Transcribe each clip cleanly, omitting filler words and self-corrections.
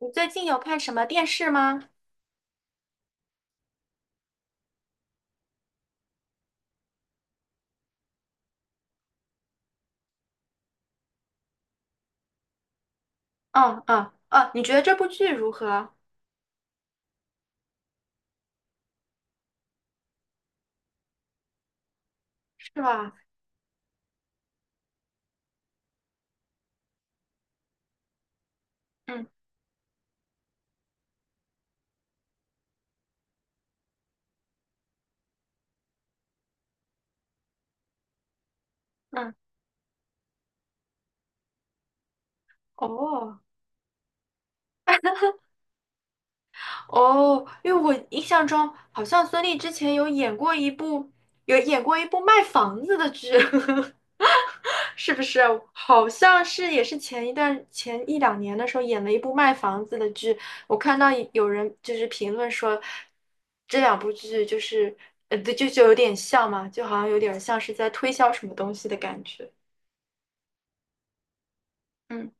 你最近有看什么电视吗？嗯嗯嗯，你觉得这部剧如何？是吧？嗯嗯，哦哦，因为我印象中好像孙俪之前有演过一部，有演过一部卖房子的剧，是不是？好像是也是前一两年的时候演了一部卖房子的剧。我看到有人就是评论说，这两部剧就是对，就有点像嘛，就好像有点像是在推销什么东西的感觉。嗯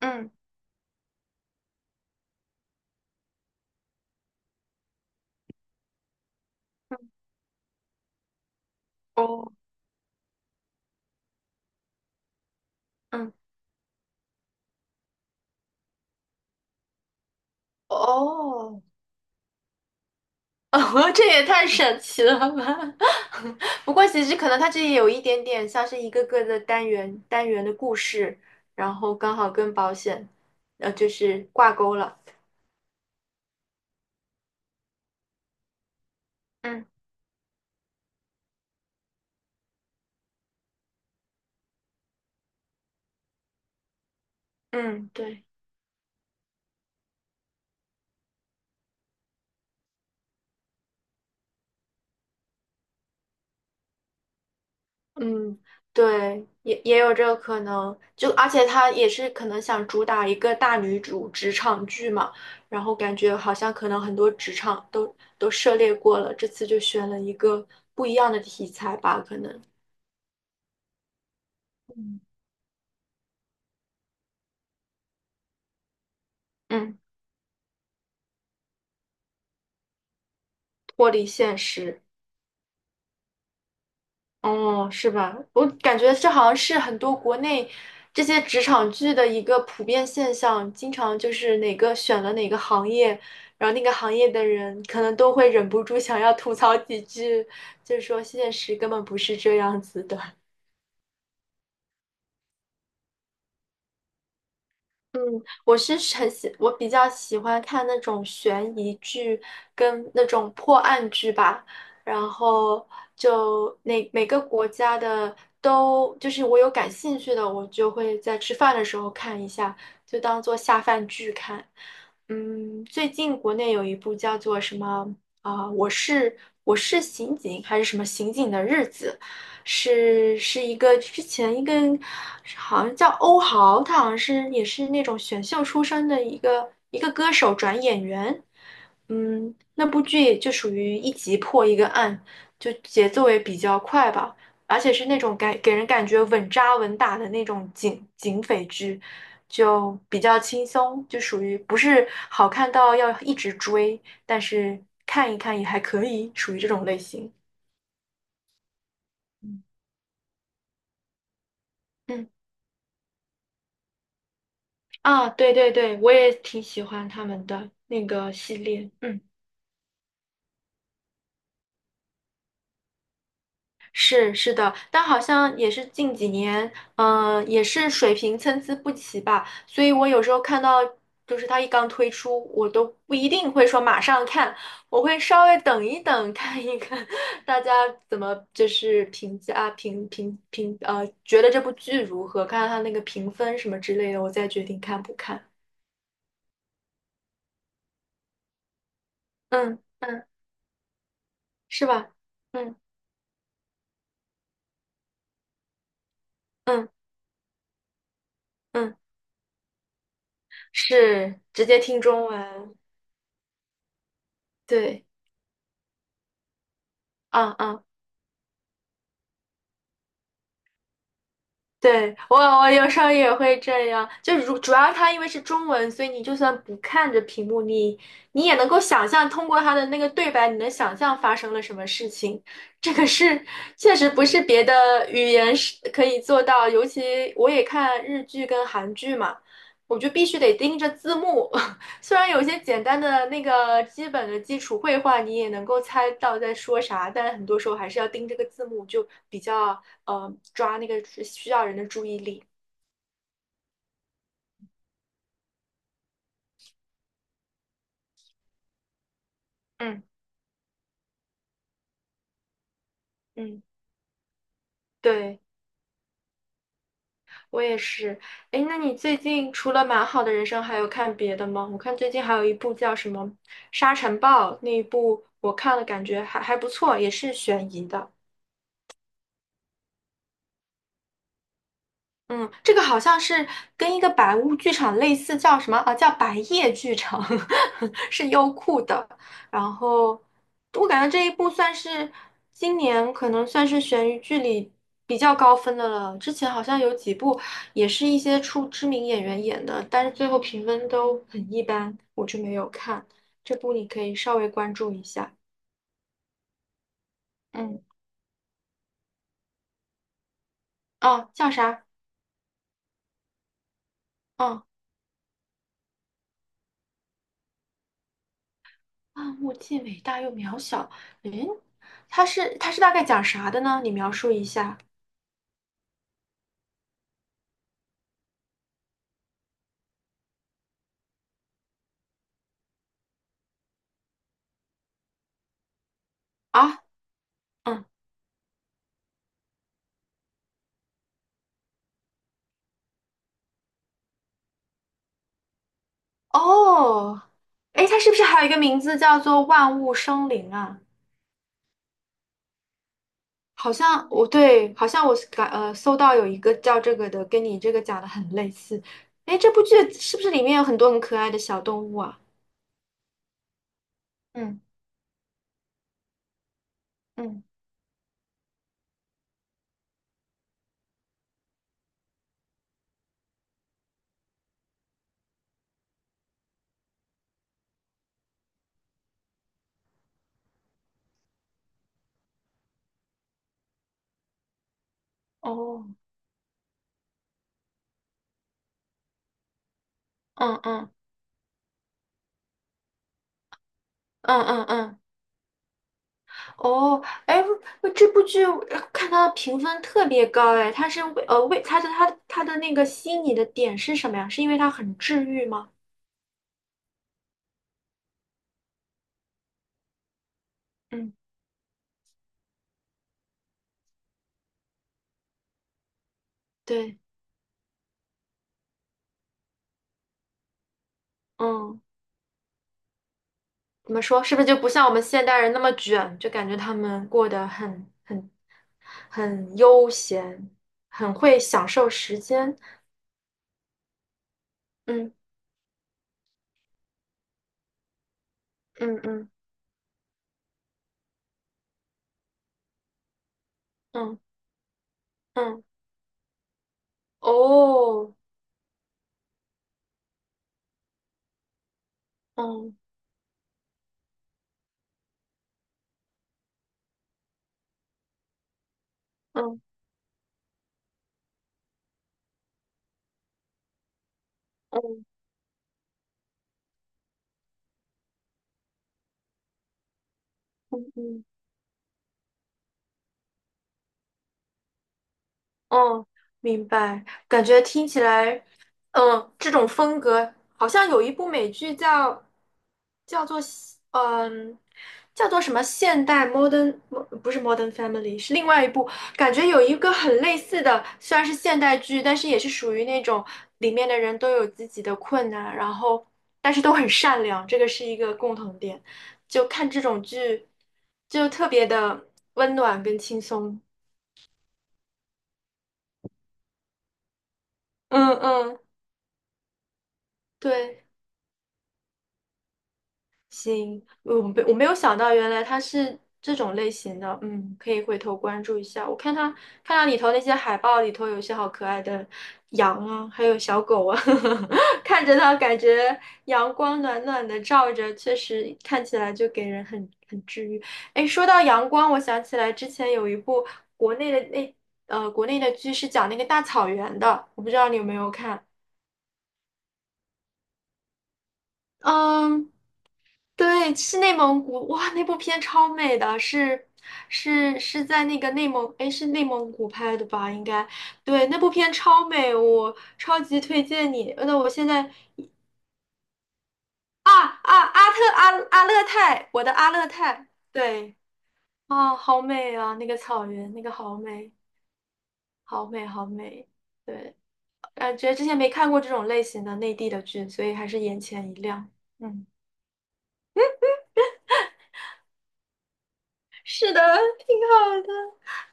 嗯嗯，哦，嗯哦，哦，这也太神奇了吧！不过其实可能它这里有一点点像是一个个的单元的故事，然后刚好跟保险，就是挂钩了。嗯嗯，对。嗯，对，也有这个可能，就而且他也是可能想主打一个大女主职场剧嘛，然后感觉好像可能很多职场都涉猎过了，这次就选了一个不一样的题材吧，可能。嗯，嗯，脱离现实。哦，是吧？我感觉这好像是很多国内这些职场剧的一个普遍现象，经常就是哪个选了哪个行业，然后那个行业的人可能都会忍不住想要吐槽几句，就是说现实根本不是这样子的。嗯，我比较喜欢看那种悬疑剧跟那种破案剧吧。然后就那每个国家的都，就是我有感兴趣的，我就会在吃饭的时候看一下，就当做下饭剧看。嗯，最近国内有一部叫做什么啊、我是刑警还是什么刑警的日子。是一个之前一个好像叫欧豪，他好像是也是那种选秀出身的一个歌手转演员。嗯，那部剧也就属于一集破一个案，就节奏也比较快吧，而且是那种给人感觉稳扎稳打的那种警匪剧，就比较轻松，就属于不是好看到要一直追，但是看一看也还可以，属于这种类型。嗯嗯。啊，对对对，我也挺喜欢他们的那个系列。嗯，是的，但好像也是近几年，也是水平参差不齐吧，所以我有时候看到，就是他一刚推出，我都不一定会说马上看，我会稍微等一等，看一看 大家怎么就是评价啊评评评，觉得这部剧如何，看看他那个评分什么之类的，我再决定看不看。嗯嗯，是吧？嗯嗯嗯。是直接听中文，对，嗯嗯，对，我有时候也会这样，就如主要它因为是中文，所以你就算不看着屏幕，你也能够想象通过它的那个对白，你能想象发生了什么事情。这个是确实不是别的语言是可以做到。尤其我也看日剧跟韩剧嘛，我就必须得盯着字幕。虽然有些简单的那个基本的基础绘画你也能够猜到在说啥，但很多时候还是要盯这个字幕，就比较抓那个需要人的注意力。嗯嗯，对，我也是。哎，那你最近除了《蛮好的人生》，还有看别的吗？我看最近还有一部叫什么《沙尘暴》那一部，我看了感觉还不错，也是悬疑的。嗯，这个好像是跟一个白物剧场类似，叫什么啊？叫白夜剧场，是优酷的。然后我感觉这一部算是今年可能算是悬疑剧里比较高分的了。之前好像有几部也是一些出知名演员演的，但是最后评分都很一般，我就没有看。这部你可以稍微关注一下。嗯，哦，叫啥？嗯。万物既伟大又渺小。诶，它是大概讲啥的呢？你描述一下啊。嗯，哦，诶，它是不是还有一个名字叫做万物生灵啊？好像我对，好像我是感呃搜到有一个叫这个的，跟你这个讲的很类似。诶，这部剧是不是里面有很多很可爱的小动物啊？嗯嗯，哦，嗯嗯嗯嗯嗯。哦，哎，这部剧看它的评分特别高。哎，它是为它的那个吸引你的点是什么呀？是因为它很治愈吗？嗯，对，嗯，怎么说？是不是就不像我们现代人那么卷，就感觉他们过得很悠闲，很会享受时间？嗯嗯嗯嗯嗯，哦，嗯嗯嗯嗯嗯嗯。哦，明白。感觉听起来，这种风格好像有一部美剧叫叫做嗯叫做什么现代 modern， 不是 Modern Family，是另外一部。感觉有一个很类似的，虽然是现代剧，但是也是属于那种里面的人都有自己的困难，然后但是都很善良，这个是一个共同点。就看这种剧，就特别的温暖跟轻松。嗯嗯，对。行，我没有想到，原来它是这种类型的，可以回头关注一下。我看它看到里头那些海报里头有一些好可爱的羊啊，还有小狗啊，看着它感觉阳光暖暖的照着，确实看起来就给人很治愈。哎，说到阳光，我想起来之前有一部国内的那国内的剧是讲那个大草原的，我不知道你有没有看。嗯，对，是内蒙古，哇，那部片超美的，是在那个内蒙，哎，是内蒙古拍的吧？应该，对，那部片超美，我超级推荐你。那我现在啊啊，阿特阿阿勒泰，我的阿勒泰，对。啊，好美啊，那个草原，那个好美，好美，好美。对，感觉之前没看过这种类型的内地的剧，所以还是眼前一亮。嗯。是的，挺好的。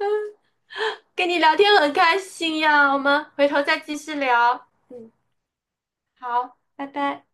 嗯，跟你聊天很开心呀，我们回头再继续聊。嗯，好，拜拜。